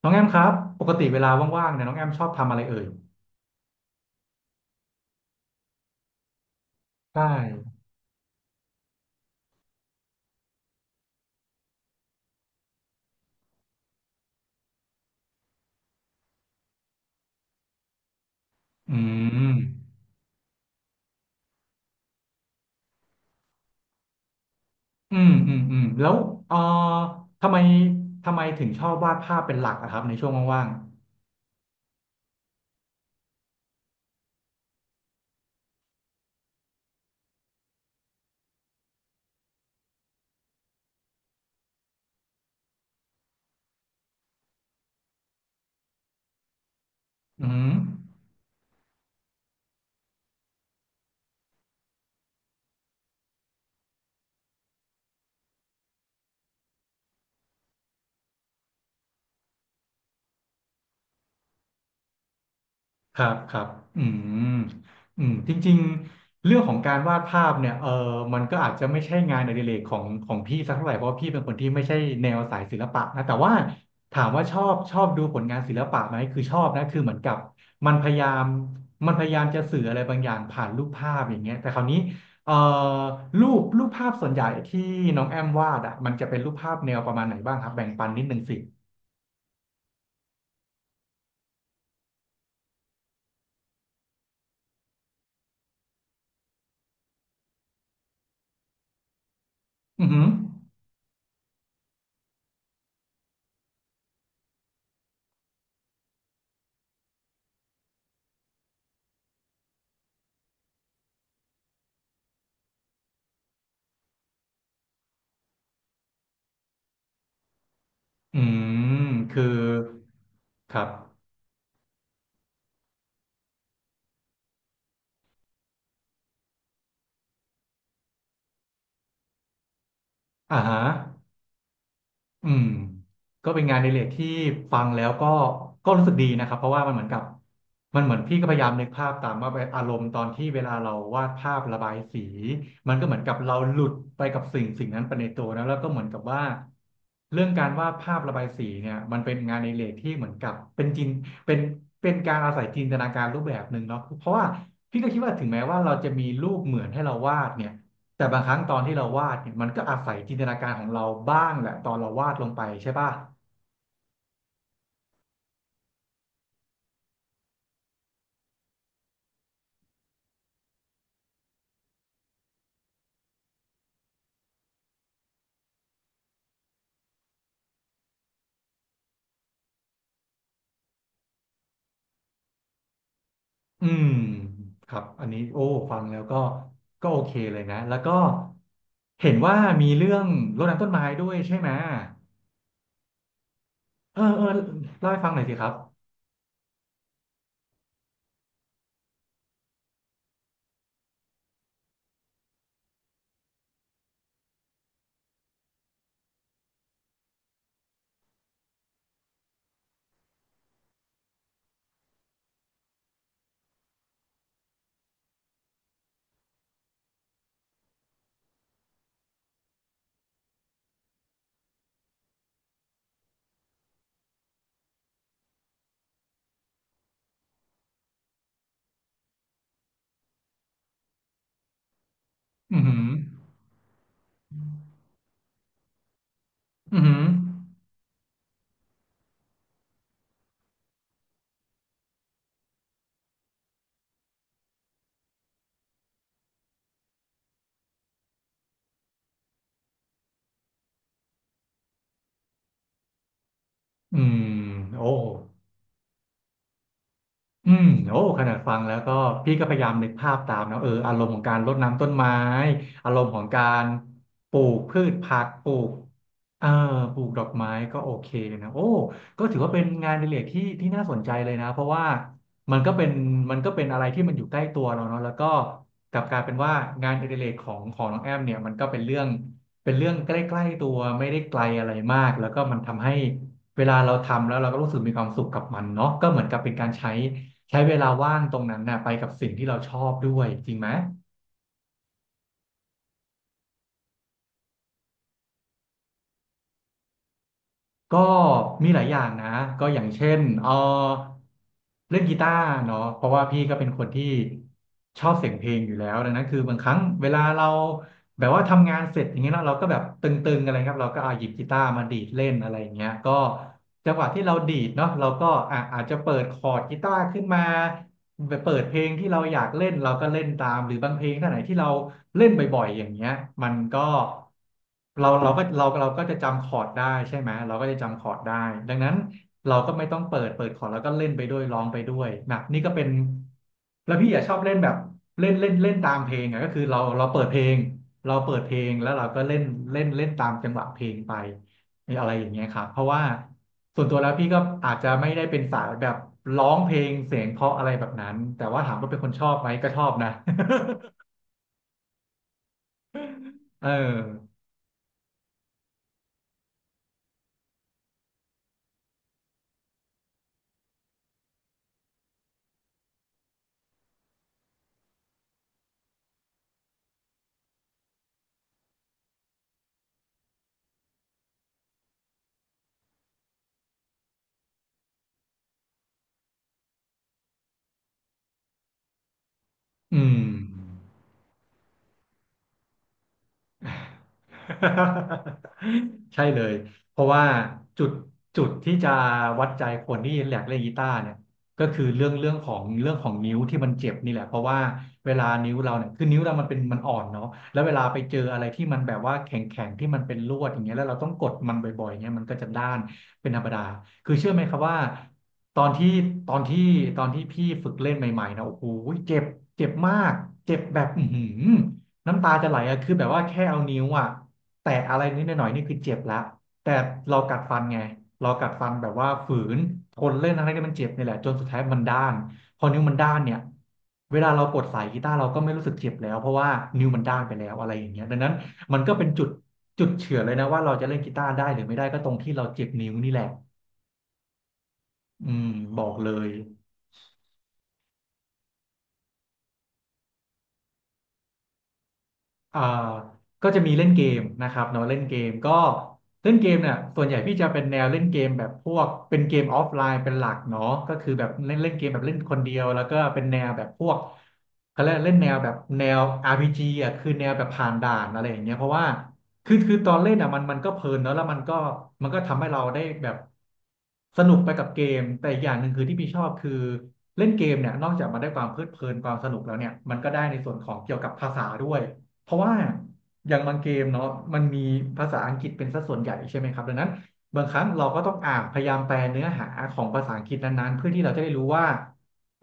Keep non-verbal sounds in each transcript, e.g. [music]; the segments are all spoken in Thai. น้องแอมครับปกติเวลาว่างๆเนี่ยน้องแอมชอบทำอะไรเอ่ยใช่อืมอืมแล้วเอ่อทำไมถึงชอบวาดภาพเป็นหลักอะครับในช่วงว่างๆอืม ครับครับอืมอืมจริงๆเรื่องของการวาดภาพเนี่ยเออมันก็อาจจะไม่ใช่งานอดิเรกของพี่สักเท่าไหร่เพราะว่าพี่เป็นคนที่ไม่ใช่แนวสายศิลปะนะแต่ว่าถามว่าชอบดูผลงานศิลปะไหมคือชอบนะคือเหมือนกับมันพยายามมันพยายามจะสื่ออะไรบางอย่างผ่านรูปภาพอย่างเงี้ยแต่คราวนี้เอ่อรูปภาพส่วนใหญ่ที่น้องแอมวาดอ่ะมันจะเป็นรูปภาพแนวประมาณไหนบ้างครับแบ่งปันนิดนึงสิอือหืออืมคือครับ อ่าฮะอืมก็เป็นงานในเรกที่ฟังแล้วก็ก็รู้สึกดีนะครับเพราะว่ามันเหมือนกับมันเหมือนพี่ก็พยายามนึกภาพตามว่าอารมณ์ตอนที่เวลาเราวาดภาพระบายสีมันก็เหมือนกับเราหลุดไปกับสิ่งนั้นไปในตัวนะแล้วก็เหมือนกับว่าเรื่องการวาดภาพระบายสีเนี่ยมันเป็นงานในเรกที่เหมือนกับเป็นเป็นการอาศัยจินตนาการรูปแบบหนึ่งเนาะเพราะว่าพี่ก็คิดว่าถึงแม้ว่าเราจะมีรูปเหมือนให้เราวาดเนี่ย แต่บางครั้งตอนที่เราวาดเนี่ยมันก็อาศัยจินตนาการของเราบ้างแหละตอนเราวาดลงไปใช่ป่ะอืมครับอันนี้โอ้ฟังแล้วก็ก็โอเคเลยนะแล้วก็เห็นว่ามีเรื่องรดน้ำต้นไม้ด้วยใช่ไหมเออเออเล่าให้ฟังหน่อยสิครับอือหืออือหืออืมโอ้ อืมโอ้ขนาดฟังแล้วก็พี่ก็พยายามนึกภาพตามนะเอออารมณ์ของการรดน้ำต้นไม้อารมณ์ของการปลูกพืชผักปลูกเอ่อปลูกดอกไม้ก็โอเคนะโอ้ก็ถือว่าเป็นงานอดิเรกที่น่าสนใจเลยนะเพราะว่ามันก็เป็นมันก็เป็นอะไรที่มันอยู่ใกล้ตัวเราเนาะแล้วก็กลับกลายเป็นว่างานอดิเรกของน้องแอมเนี่ยมันก็เป็นเรื่องใกล้ๆตัวไม่ได้ไกลอะไรมากแล้วก็มันทำให้เวลาเราทำแล้วเราก็รู้สึกมีความสุขกับมันเนาะก็เหมือนกับเป็นการใช้ ใช้เวลาว่างตรงนั้นน่ะไปกับสิ่งที่เราชอบด้วยจริงไหมก็มีหลายอย่างนะก็อย่างเช่นเล่นกีตาร์เนาะเพราะว่าพี่ก็เป็นคนที่ชอบเสียงเพลงอยู่แล้วดังนั้นคือบางครั้งเวลาเราแบบว่าทำงานเสร็จอย่างเงี้ยเนาะเราก็แบบตึงๆอะไรครับเราก็เอาหยิบกีตาร์มาดีดเล่นอะไรอย่างเงี้ยก็จังหวะที่เราดีดเนาะเราก็อ่ะอาจจะเปิดคอร์ดกีตาร์ขึ้นมา ไปเปิดเพลงที่เราอยากเล่นเราก็เล่นตามหรือบางเพลงท่าไหนที่เราเล่นบ่อยๆอย่างเงี้ยมันก็เราก็จะจำคอร์ดได้ใช่ไหมเราก็จะจำคอร์ดได้ดังนั้นเราก็ไม่ต้องเปิดคอร์ดแล้วก็เล่นไปด้วยร้องไปด้วยนะนี่ก็เป็นแล้วพี่อยากชอบเล่นแบบเล่นเล่นเล่นตามเพลงอ่ะก็คือเราเปิดเพลงเราเปิดเพลงแล้วเราก็เล่นเล่นเล่นตามจังหวะเพลงไปีอะไรอย่างเงี้ยครับเพราะว่าส่วนตัวแล้วพี่ก็อาจจะไม่ได้เป็นสายแบบร้องเพลงเสียงเพราะอะไรแบบนั้น แต่ว่าถามว่าเป็นคนชอบไหมก็ชอบนะ [laughs] เอออืม [laughs] ใช่เลยเพราะว่าจุดจุดที่จะวัดใจคนที่แหลกเล่นกีตาร์เนี่ยก็คือเรื่องของนิ้วที่มันเจ็บนี่แหละเพราะว่าเวลานิ้วเราเนี่ยคือนิ้วเรามันอ่อนเนาะแล้วเวลาไปเจออะไรที่มันแบบว่าแข็งแข็งที่มันเป็นลวดอย่างเงี้ยแล้วเราต้องกดมันบ่อยๆเงี้ยมันก็จะด้านเป็นธรรมดาคือเชื่อไหมครับว่าตอนที่ตอนที่ตอนที่พี่ฝึกเล่นใหม่ๆนะโอ้โหเจ็บเจ็บมากเจ็บแบบอื้อหือ น้ำตาจะไหลอะคือแบบว่าแค่เอานิ้วอะแตะอะไรนิดหน่อยๆนี่คือเจ็บละแต่เรากัดฟันไงเรากัดฟันแบบว่าฝืนทนเล่นอะไรที่มันเจ็บนี่แหละจนสุดท้ายมันด้านพอนิ้วมันด้านเนี่ยเวลาเรากดสายกีตาร์เราก็ไม่รู้สึกเจ็บแล้วเพราะว่านิ้วมันด้านไปแล้วอะไรอย่างเงี้ยดังนั้นมันก็เป็นจุดจุดเฉื่อยเลยนะว่าเราจะเล่นกีตาร์ได้หรือไม่ได้ก็ตรงที่เราเจ็บนิ้วนี่แหละอืมบอกเลย อ่าก็จะมีเล่นเกมนะครับเนาะเล่นเกมก็เล่นเกมเนี่ยส่วนใหญ่พี่จะเป็นแนวเล่นเกมแบบพวกเป็นเกมออฟไลน์เป็นหลักเนาะก็คือแบบเล่นเล่นเกมแบบเล่นคนเดียวแล้วก็เป็นแนวแบบพวกเขาเรียกเล่นแนวแบบแนว RPG อ่ะคือแนวแบบผ่านด่านอะไรอย่างเงี้ยเพราะว่าคือตอนเล่นอ่ะมันก็เพลินเนาะแล้วมันก็มันก็ทำให้เราได้แบบสนุกไปกับเกมแต่อีกอย่างหนึ่งคือที่พี่ชอบคือเล่นเกมเนี่ยนอกจากมันได้ความเพลิดเพลินความสนุกแล้วเนี่ยมันก็ได้ในส่วนของเกี่ยวกับภาษาด้วย เพราะว่าอย่างบางเกมเนาะมันมีภาษาอังกฤษเป็นสัดส่วนใหญ่ใช่ไหมครับดังนั้นบางครั้งเราก็ต้องอ่านพยายามแปลเนื้อหาของภาษาอังกฤษนั้นๆเพื่อที่เราจะได้รู้ว่า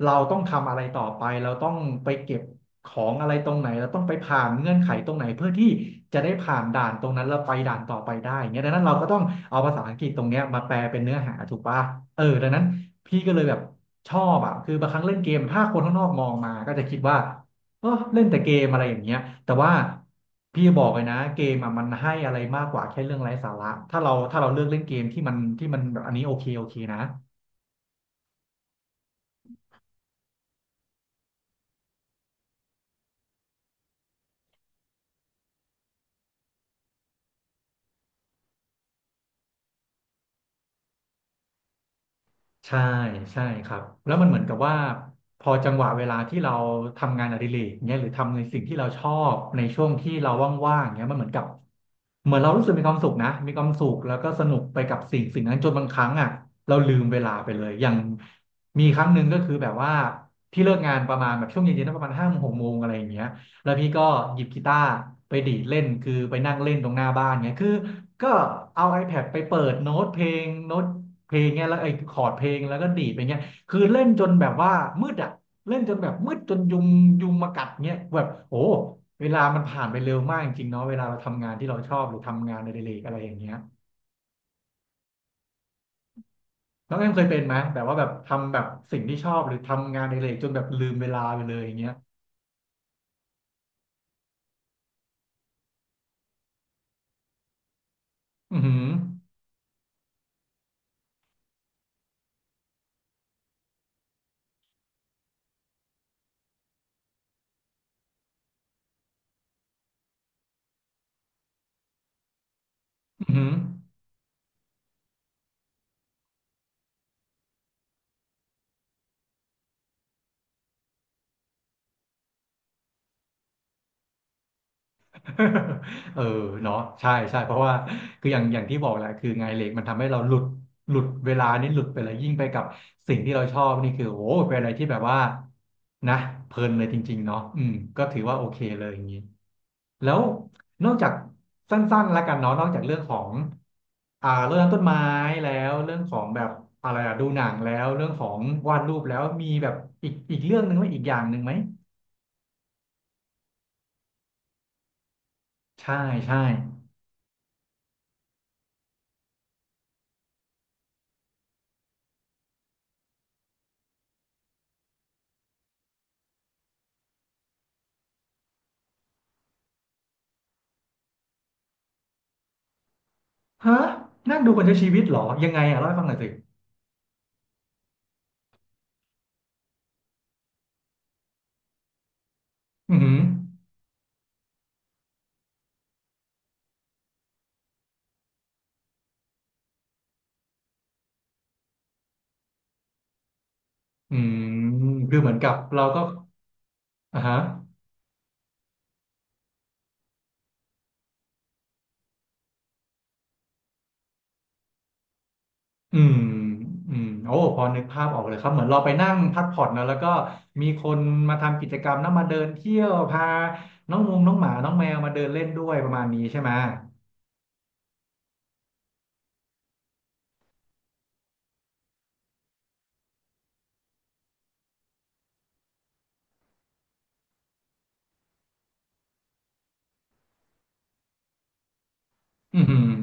เราต้องทำอะไรต่อไปเราต้องไปเก็บของอะไรตรงไหนเราต้องไปผ่านเงื่อนไขตรงไหนเพื่อที่จะได้ผ่านด่านตรงนั้นแล้วไปด่านต่อไปได้อย่างเงี้ยดังนั้นเราก็ต้องเอาภาษาอังกฤษตรงเนี้ยมาแปลเป็นเนื้อหาถูกปะเออดังนั้นพี่ก็เลยแบบชอบอ่ะคือบางครั้งเล่นเกมถ้าคนข้างนอกมองมาก็จะคิดว่า เออเล่นแต่เกมอะไรอย่างเงี้ยแต่ว่าพี่บอกเลยนะเกมอะมันให้อะไรมากกว่าแค่เรื่องไร้สาระถ้าเราเลือกเล่นเกมที่มันแบบอันนี้โอเคนะ ใช่ใช่ครับแล้วมันเหมือนกับว่าพอจังหวะเวลาที่เราทำงานอดิเรกเนี่ยหรือทำในสิ่งที่เราชอบในช่วงที่เราว่างๆเนี่ยมันเหมือนกับเหมือนเรารู้สึกมีความสุขนะมีความสุขแล้วก็สนุกไปกับสิ่งสิ่งนั้นจนบางครั้งอ่ะเราลืมเวลาไปเลยอย่างมีครั้งหนึ่งก็คือแบบว่าที่เลิกงานประมาณแบบช่วงเย็นๆนะประมาณห้าโมงหกโมงอะไรอย่างเงี้ยแล้วพี่ก็หยิบกีตาร์ไปดีดเล่นคือไปนั่งเล่นตรงหน้าบ้านเงี้ยคือก็เอา iPad ไปเปิดโน้ตเพลงโน้ต เพลงเงี้ยแล้วไอ้คอร์ดเพลงแล้วก็ดีดไปเงี้ยคือเล่นจนแบบว่ามืดอ่ะเล่นจนแบบมืดจนยุงมากัดเงี้ยแบบโอ้เวลามันผ่านไปเร็วมากจริงๆเนาะเวลาเราทำงานที่เราชอบหรือทำงานในเดเลกอะไรอย่างเงี้ยน้องแอมเคยเป็นไหมแบบว่าแบบทำแบบสิ่งที่ชอบหรือทำงานในเดเลกจนแบบลืมเวลาไปเลยอย่างเงี้ยอือหืออือหือ [laughs] เออเนาะใช่ใช่เพราะว่าคืออย่างอย่างที่บอกแหละคืองานอดิเล็กมันทำให้เราหลุดหลุดเวลานี่หลุดไปเลยยิ่งไปกับสิ่งที่เราชอบนี่คือโอ้โหเป็นอะไรที่แบบว่านะเพลินเลยจริงๆเนาะอืมก็ถือว่าโอเคเลยอย่างนี้แล้วนอกจากสั้นๆแล้วกันเนาะนอกจากเรื่องของเรื่องต้นไม้แล้วเรื่องของแบบอะไรอะดูหนังแล้วเรื่องของวาดรูปแล้วมีแบบอีกอีกเรื่องหนึ่งไหมอีกอย่างหนึ่งไหมใช่ใช่ ฮะนั่งดูคนใช้ชีวิตเหรอยังไงอ่ะเล่าให้ฟังหน่อยสิอืมอหืออืมคือเหมือนกับเราก็อ่าฮะอืมอืมโอ้พอนึกภาพออกเลยครับเหมือนเราไปนั่งพักผ่อนนะแล้วก็มีคนมาทำกิจกรรมนะมาเดินเที่ยวพาน้องงงน้องหมาน้องแมวมาเดินเล่นด้วยประมาณนี้ใช่ไหมอืม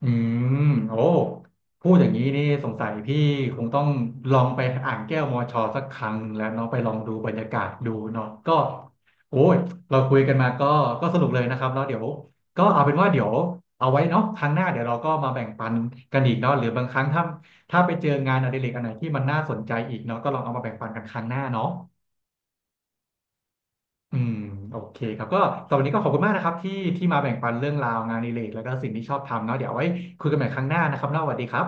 อืมโอ้พูดอย่างนี้นี่สงสัยพี่คงต้องลองไปอ่างแก้วมอชอสักครั้งหนึ่งแล้วเนาะไปลองดูบรรยากาศดูเนาะก็โอ้ยเราคุยกันมาก็ก็สนุกเลยนะครับแล้วเดี๋ยวก็เอาเป็นว่าเดี๋ยวเอาไว้เนาะครั้งหน้าเดี๋ยวเราก็มาแบ่งปันกันอีกเนาะหรือบางครั้งถ้าถ้าไปเจองานอดิเรกอันไหนที่มันน่าสนใจอีกเนาะก็ลองเอามาแบ่งปันกันครั้งหน้าเนาะอืมโอเคครับก็สำหรับวันนี้ก็ขอบคุณมากนะครับที่มาแบ่งปันเรื่องราวงานอดิเรกแล้วก็สิ่งที่ชอบทำเนาะเดี๋ยวเอาไว้คุยกันใหม่ครั้งหน้านะครับเนาะสวัสดีครับ